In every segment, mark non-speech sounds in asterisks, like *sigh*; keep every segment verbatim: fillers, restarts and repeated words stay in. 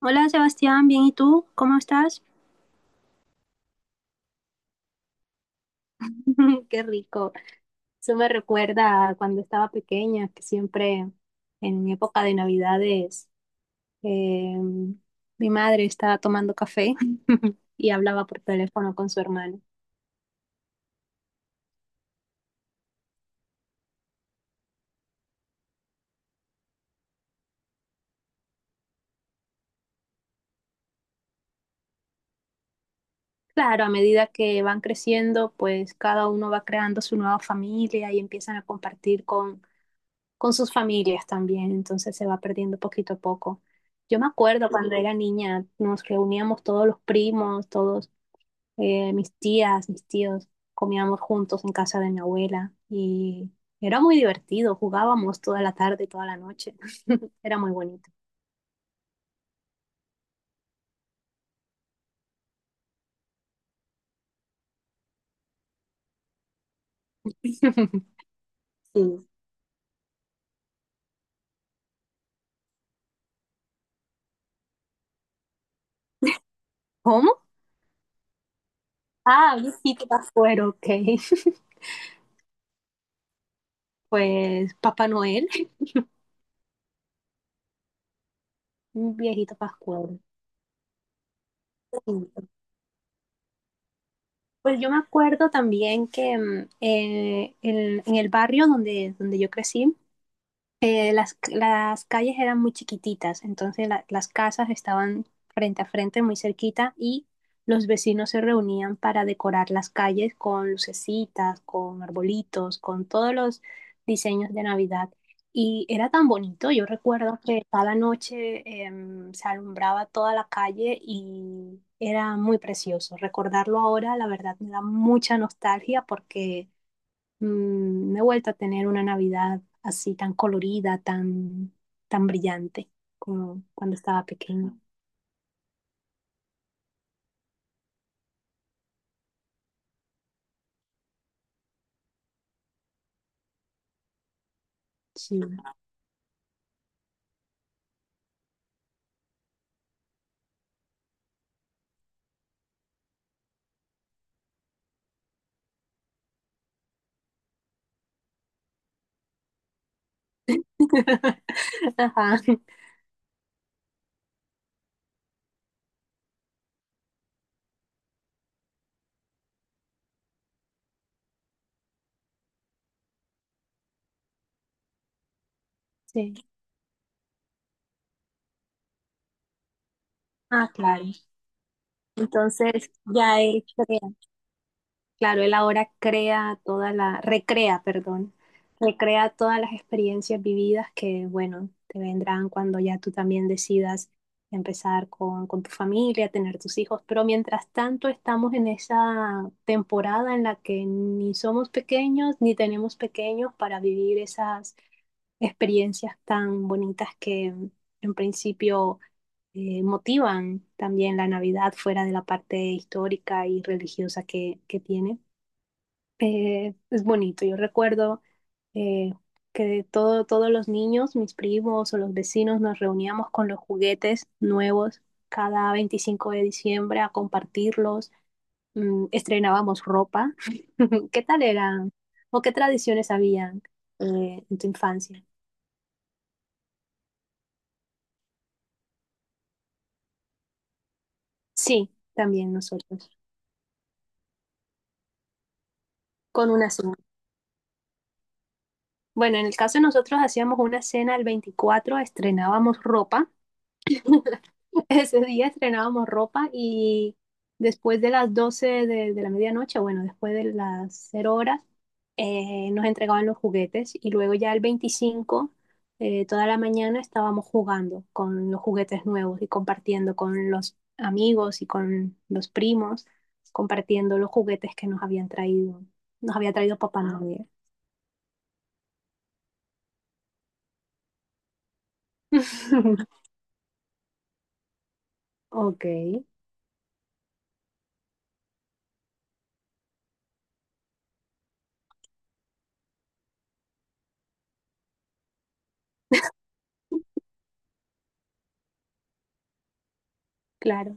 Hola Sebastián, bien, ¿y tú? ¿Cómo estás? *laughs* Qué rico. Eso me recuerda a cuando estaba pequeña, que siempre en mi época de Navidades eh, mi madre estaba tomando café *laughs* y hablaba por teléfono con su hermano. Claro, a medida que van creciendo, pues cada uno va creando su nueva familia y empiezan a compartir con, con sus familias también, entonces se va perdiendo poquito a poco. Yo me acuerdo cuando era niña, nos reuníamos todos los primos, todos eh, mis tías, mis tíos, comíamos juntos en casa de mi abuela y era muy divertido, jugábamos toda la tarde, toda la noche, *laughs* era muy bonito. *laughs* Sí. ¿Cómo? Ah, un viejito pascuero, ok. *laughs* Pues Papá Noel, *laughs* un viejito pascuero. Sí. Pues yo me acuerdo también que mm, eh, en, en el barrio donde, donde yo crecí. Eh, las, las calles eran muy chiquititas, entonces la- las casas estaban frente a frente, muy cerquita, y los vecinos se reunían para decorar las calles con lucecitas, con arbolitos, con todos los diseños de Navidad. Y era tan bonito, yo recuerdo que cada noche em, se alumbraba toda la calle y era muy precioso. Recordarlo ahora, la verdad, me da mucha nostalgia porque Mm, no he vuelto a tener una Navidad así tan colorida, tan, tan brillante como cuando estaba pequeña. Sí. *laughs* Ajá, sí. Ah, claro. Entonces, ya él crea. Claro, él ahora crea toda la, recrea, perdón, recrea todas las experiencias vividas que, bueno, te vendrán cuando ya tú también decidas empezar con, con tu familia, tener tus hijos. Pero mientras tanto estamos en esa temporada en la que ni somos pequeños ni tenemos pequeños para vivir esas experiencias tan bonitas que en principio eh, motivan también la Navidad fuera de la parte histórica y religiosa que, que tiene. Eh, es bonito. Yo recuerdo eh, que todo, todos los niños, mis primos o los vecinos, nos reuníamos con los juguetes nuevos cada veinticinco de diciembre a compartirlos. Mm, estrenábamos ropa. *laughs* ¿Qué tal eran? ¿O qué tradiciones habían eh, en tu infancia? Sí, también nosotros, con una cena. Bueno, en el caso de nosotros hacíamos una cena el veinticuatro. Estrenábamos ropa. *laughs* *laughs* Ese día estrenábamos ropa y después de las doce de, de la medianoche, bueno, después de las cero horas, eh, nos entregaban los juguetes y luego ya el veinticinco eh, toda la mañana estábamos jugando con los juguetes nuevos y compartiendo con los amigos y con los primos, compartiendo los juguetes que nos habían traído, nos había traído Papá Ah, Noel. *laughs* Ok, claro.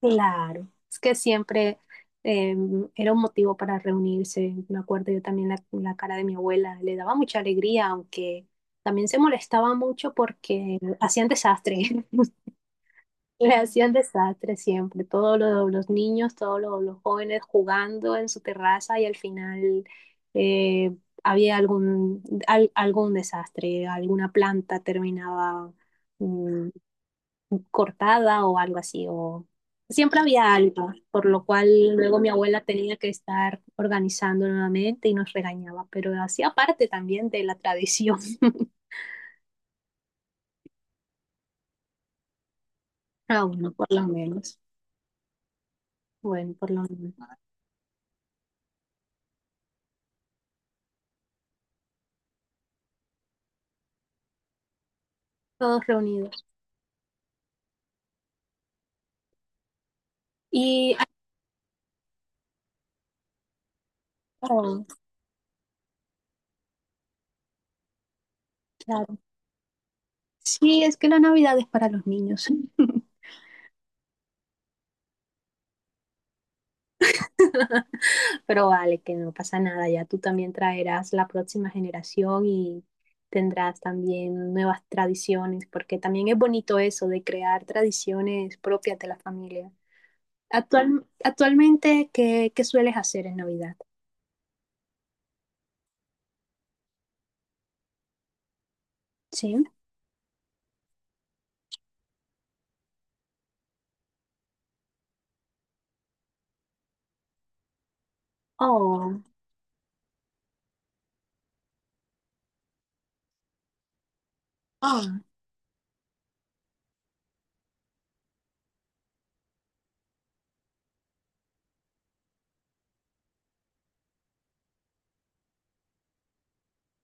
Claro, es que siempre eh, era un motivo para reunirse. Me acuerdo yo también la, la cara de mi abuela, le daba mucha alegría, aunque también se molestaba mucho porque hacían desastre, *laughs* le hacían desastre siempre. Todos lo- los niños, todos lo- los jóvenes jugando en su terraza y al final eh, había algún, al- algún desastre, alguna planta terminaba mm, cortada o algo así, o siempre había algo, por lo cual luego mi abuela tenía que estar organizando nuevamente y nos regañaba, pero hacía parte también de la tradición, *laughs* a uno por lo menos. Bueno, por lo menos, todos reunidos. Y, oh, claro, claro. Sí, es que la Navidad es para los niños. *laughs* Pero vale, que no pasa nada, ya tú también traerás la próxima generación y tendrás también nuevas tradiciones, porque también es bonito eso de crear tradiciones propias de la familia. Actual, actualmente, ¿qué, qué sueles hacer en Navidad? Sí. Oh, oh,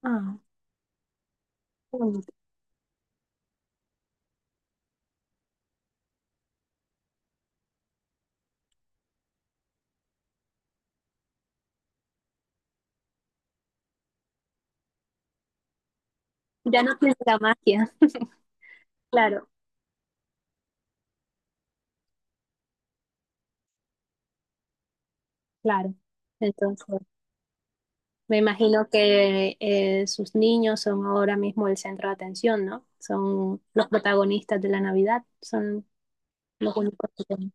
oh, qué bonito. Ya no tienes la magia. *laughs* Claro, claro. Entonces, me imagino que eh, sus niños son ahora mismo el centro de atención, ¿no? Son los protagonistas de la Navidad, son los únicos que tienen.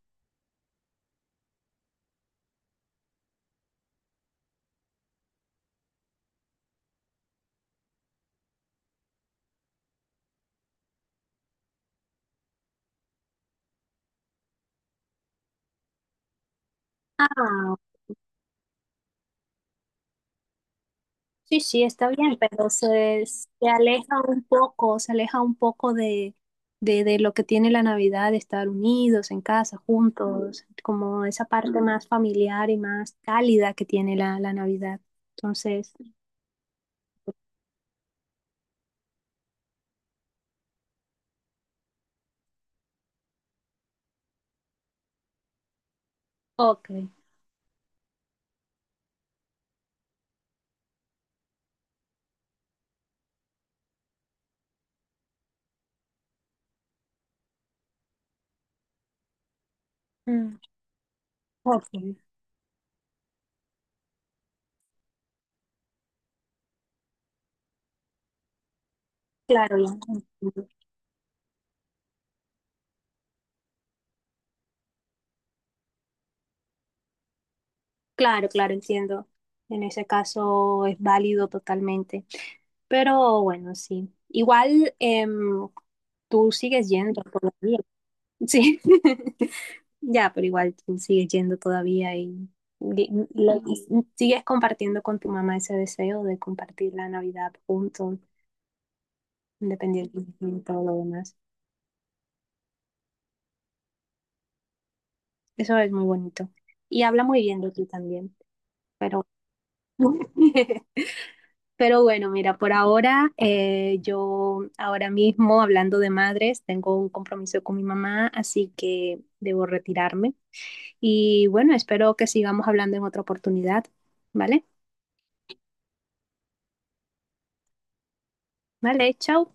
Ah, sí, sí, está bien, pero se, se aleja un poco, se aleja un poco de, de, de lo que tiene la Navidad, de estar unidos en casa, juntos, como esa parte más familiar y más cálida que tiene la, la Navidad. Entonces, ok, mm, ok, claro, ya. Claro, claro, entiendo. En ese caso es válido totalmente. Pero bueno, sí. Igual em, tú sigues yendo todavía. Sí. *laughs* Ya, pero igual tú sigues yendo todavía y, y- lo- y sigues compartiendo con tu mamá ese deseo de compartir la Navidad juntos, independientemente de todo lo demás. Eso es muy bonito. Y habla muy bien de ti también, pero *laughs* Pero bueno, mira, por ahora eh, yo ahora mismo hablando de madres, tengo un compromiso con mi mamá, así que debo retirarme. Y bueno, espero que sigamos hablando en otra oportunidad, ¿vale? Vale, chao.